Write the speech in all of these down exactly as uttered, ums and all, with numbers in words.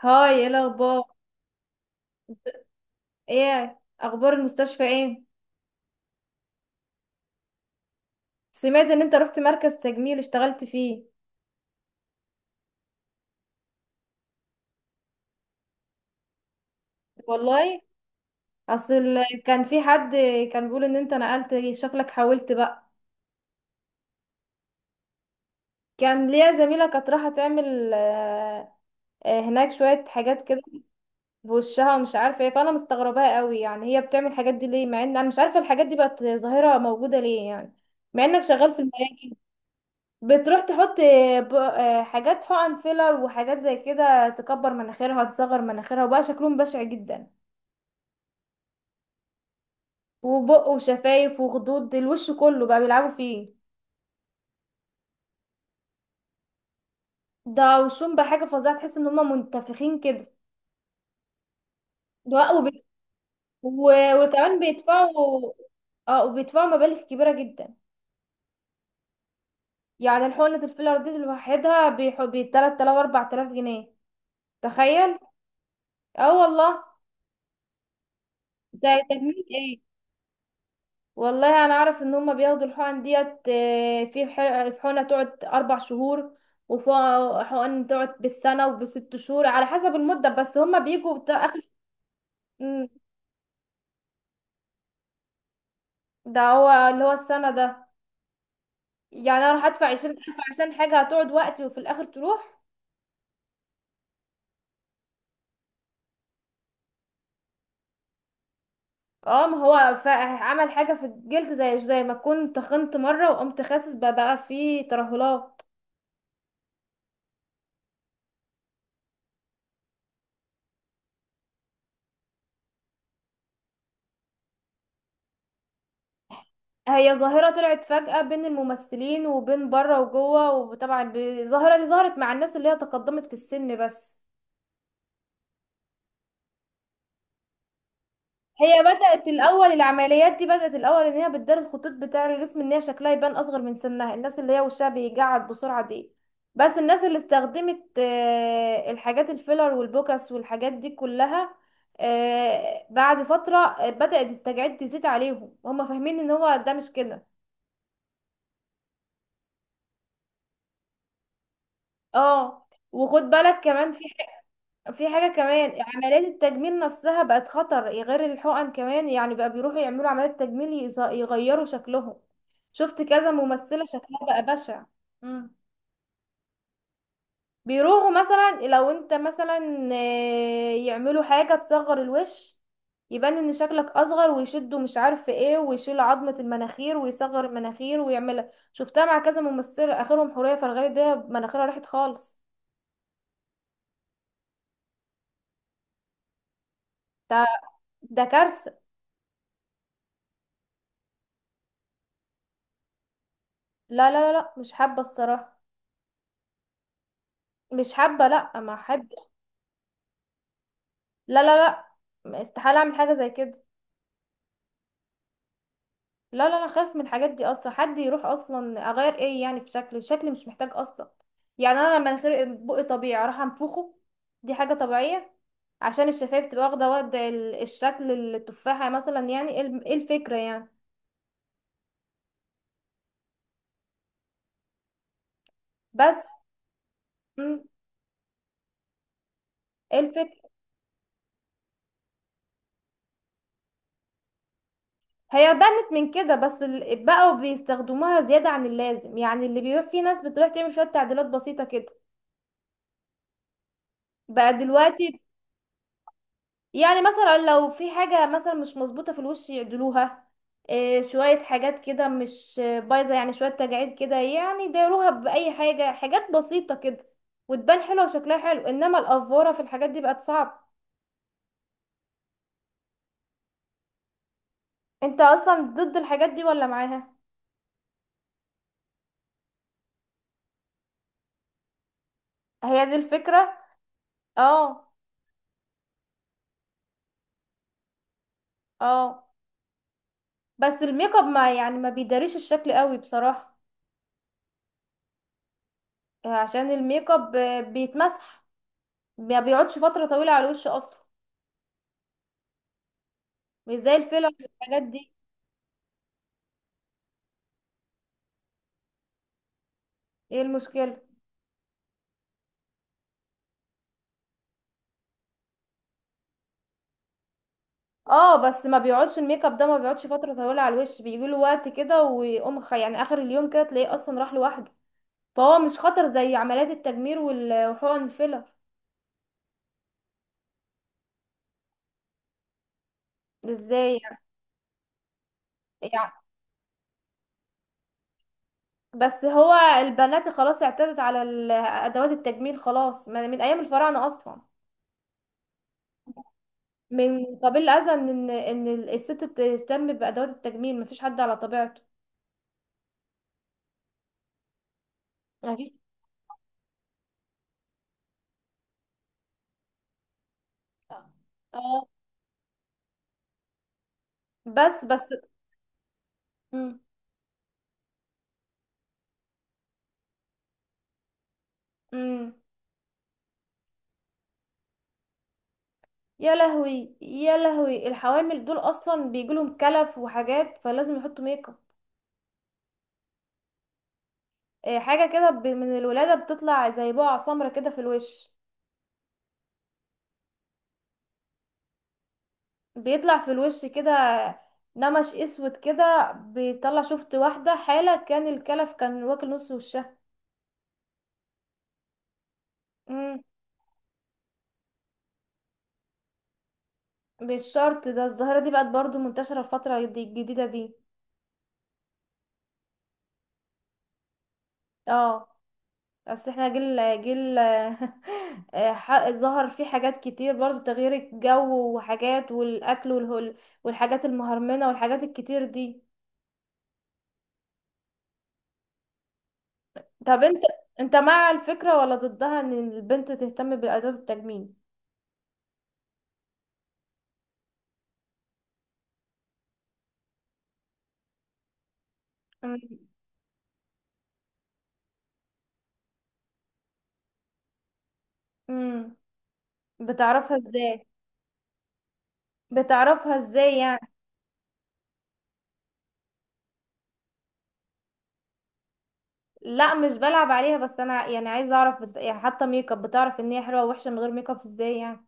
هاي، ايه الاخبار؟ ايه اخبار المستشفى؟ ايه، سمعت ان انت رحت مركز تجميل اشتغلت فيه؟ والله اصل ال- كان في حد كان بيقول ان انت نقلت شكلك، حاولت بقى. كان ليا زميلة كانت رايحة تعمل آه، آه، هناك شوية حاجات كده في وشها ومش عارفة ايه، فانا مستغرباها قوي. يعني هي بتعمل الحاجات دي ليه مع ان انا مش عارفة الحاجات دي بقت ظاهرة موجودة ليه يعني، مع انك شغال في المجال. بتروح تحط ب- آه، حاجات حقن فيلر وحاجات زي كده، تكبر مناخيرها، تصغر مناخيرها، وبقى شكلهم بشع جدا. وبق، وشفايف، وخدود، الوش كله بقى بيلعبوا فيه. ده وشهم بقى حاجة فظيعة، تحس ان هما منتفخين كده. ده وبت... و... وكمان بيدفعوا. اه، وبيدفعوا مبالغ كبيرة جدا. يعني الحقنة الفيلر دي لوحدها بيح... بي تلت تلاف اربعة الاف جنيه، تخيل. اه والله. ده تجميل ايه! والله انا اعرف ان هما بياخدوا الحقن ديت، آه، في ح- في حقنه تقعد اربع شهور، وفي حقن تقعد بالسنه وبست شهور على حسب المده، بس هما بيجوا بتاع اخر. مم، ده هو اللي هو السنه ده. يعني انا اروح ادفع عشرين ألف عشان حاجه هتقعد وقتي وفي الاخر تروح. اه، ما هو ف- عمل حاجه في الجلد، زي زي ما كنت تخنت مره وقمت خاسس بقى، بقى فيه ترهلات. هي ظاهرة طلعت فجأة بين الممثلين وبين بره وجوه. وطبعا الظاهرة دي ظهرت مع الناس اللي هي تقدمت في السن بس. هي بدأت الأول، العمليات دي بدأت الأول إن هي بتدار الخطوط بتاع الجسم، إن هي شكلها يبان أصغر من سنها، الناس اللي هي وشها بيجعد بسرعة دي. بس الناس اللي استخدمت آه، الحاجات الفيلر والبوكس والحاجات دي كلها، آه، بعد فترة آه، بدأت التجاعيد تزيد عليهم وهم فاهمين إن هو ده مش كده. اه. وخد بالك كمان، في في حاجة كمان، عمليات التجميل نفسها بقت خطر غير الحقن كمان. يعني بقى بيروحوا يعملوا عمليات تجميل، يز- يغيروا شكلهم. شفت كذا ممثلة شكلها بقى بشع. مم. بيروحوا مثلا، لو انت مثلا، آه، يعملوا حاجة تصغر الوش، يبان ان شكلك اصغر، ويشدوا مش عارف ايه، ويشيل عظمة المناخير ويصغر المناخير ويعملها. شفتها مع كذا ممثلة، اخرهم حورية فرغلي، ده مناخيرها راحت خالص. ده ده كارثة. لا لا لا لا، مش حابة الصراحة. مش حابة، لا ما احب. لا لا، لا استحالة اعمل حاجة زي كده. لا لا، انا خايف من الحاجات دي اصلا. حد يروح اصلا اغير ايه يعني في شكله؟ شكلي مش محتاج اصلا. يعني انا لما مناخير بقي طبيعي اروح انفخه؟ دي حاجة طبيعية. عشان الشفايف تبقى واخدة وضع ال- الشكل التفاحة مثلا، يعني ايه الم- إيه الفكرة يعني؟ بس. مم، ايه الفكرة؟ هي بنت من كده، بس ال- بقوا بيستخدموها زيادة عن اللازم، يعني اللي بيبقى في ناس بتروح تعمل شوية تعديلات بسيطة كده. بقى دلوقتي، يعني مثلا لو في حاجة مثلا مش مظبوطة في الوش يعدلوها. إيه، شوية حاجات كده مش بايظة، يعني شوية تجاعيد كده يعني يداروها بأي حاجة، حاجات بسيطة كده، وتبان حلوة وشكلها حلو. انما الأفورة في الحاجات دي بقت صعب. انت اصلا ضد الحاجات دي ولا معاها؟ هي دي الفكرة. اه. اه، بس الميك اب ما يعني ما بيداريش الشكل قوي بصراحة. عشان الميك اب آه، بيتمسح، ما بيقعدش فترة طويلة على الوش اصلا، مش زي الفيلر والحاجات دي. ايه المشكلة؟ اه، بس ما بيقعدش الميك اب ده، ما بيقعدش فتره طويله على الوش، بيجي له وقت كده ويقوم خ- يعني اخر اليوم كده تلاقيه اصلا راح لوحده. فهو مش خطر زي عمليات التجميل وال- وحقن الفيلر. ازاي يعني؟ يعني- بس هو البنات خلاص اعتادت على ال- ادوات التجميل خلاص، ما- من ايام الفراعنه اصلا، من قبل الاذى، ان ان الست بتهتم بادوات التجميل، مفيش حد على طبيعته. مفيش. اه. بس بس مم. مم. يا لهوي يا لهوي، الحوامل دول اصلا بيجيلهم كلف وحاجات، فلازم يحطوا ميك اب. إيه، حاجه كده ب- من الولاده بتطلع زي بقع سمرة كده في الوش، بيطلع في الوش كده، نمش اسود كده بيطلع. شفت واحده حاله كان الكلف كان واكل نص وشها. امم. بالشرط ده، الظاهره دي بقت برضو منتشره الفتره دي الجديده دي. اه. اصل احنا جيل جيل آه، ح- ظهر فيه حاجات كتير برضو، تغيير الجو وحاجات، والاكل والهول والحاجات المهرمنة والحاجات الكتير دي. طب انت انت مع الفكرة ولا ضدها، ان البنت تهتم بأداة التجميل؟ امم. بتعرفها ازاي؟ بتعرفها ازاي يعني؟ لا مش بلعب عليها، بس انا يعني عايزه اعرف بس، يعني حتى ميك اب بتعرف ان هي حلوه ووحشه من غير ميك اب ازاي يعني؟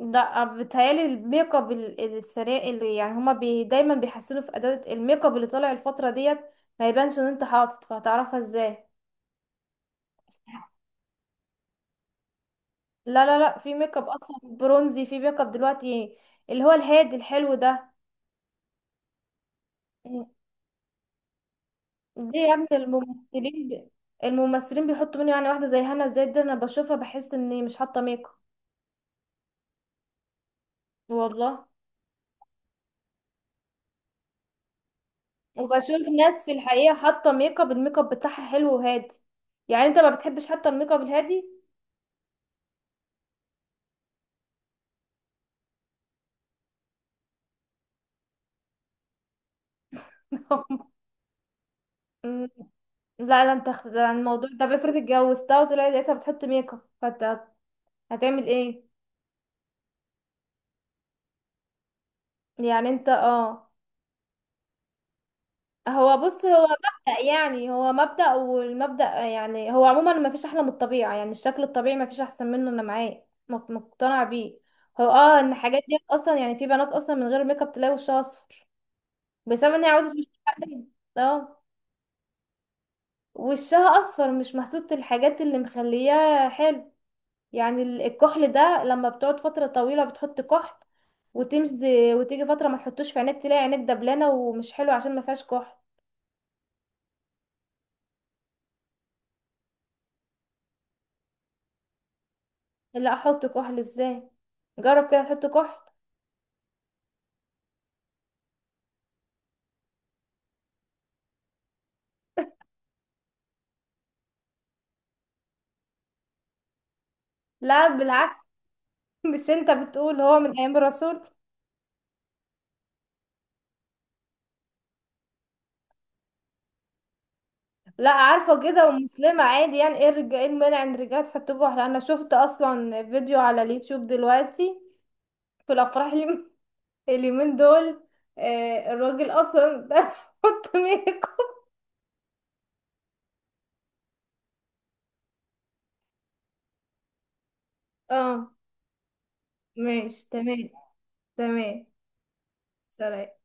لا بتهيالي الميك اب ال- السريع، اللي يعني هما بي دايما بيحسنوا في اداة الميك اب اللي طالع الفترة ديت، ما يبانش ان انت حاطط، فهتعرفها ازاي؟ لا لا، لا في ميك اب اصلا برونزي، في ميك اب دلوقتي اللي هو الهادي الحلو ده. م- ليه يا ابني؟ الممثلين ب... الممثلين بيحطوا منه، يعني واحدة زي هنا الزاهد دي انا بشوفها بحس اني مش حاطة ميك اب. والله. وبشوف ناس في الحقيقة حاطة ميك اب، الميك اب بتاعها حلو وهادي. يعني انت ما بتحبش حتى الميك اب الهادي؟ لا، ده انت اخت- ده الموضوع. طب افرض اتجوزتها وطلعت لقيتها بتحط ميك اب، فانت هت- هتعمل ايه؟ يعني انت، اه. هو بص، هو مبدأ، يعني هو مبدأ والمبدأ، يعني هو عموما ما فيش احلى من الطبيعة، يعني الشكل الطبيعي ما فيش احسن منه، انا معاه مق- مقتنعة بيه. هو اه، ان الحاجات دي اصلا يعني في بنات اصلا من غير ميك اب تلاقي وشها اصفر، بسبب ان هي عاوزة وشها حقيقي. اه. وشها اصفر، مش محطوط الحاجات اللي مخلياه حلو. يعني ال- الكحل ده لما بتقعد فترة طويلة بتحط كحل، وتمشي، وتيجي فترة ما تحطوش في عينيك تلاقي عينيك دبلانة ومش حلو عشان ما فيهاش كحل. لا احط كحل ازاي؟ جرب كده تحط كحل. لا بالعكس. مش انت بتقول هو من ايام الرسول؟ لا عارفة كده، ومسلمة عادي يعني. ايه الرجال؟ ايه المانع ان الرجالة تحط كحل؟ انا شفت اصلا فيديو على اليوتيوب دلوقتي في الافراح اليوم- اليومين دول آه الراجل اصلا ده بيحط ميك اب. اه ماشي، تمام. تمام. سلام.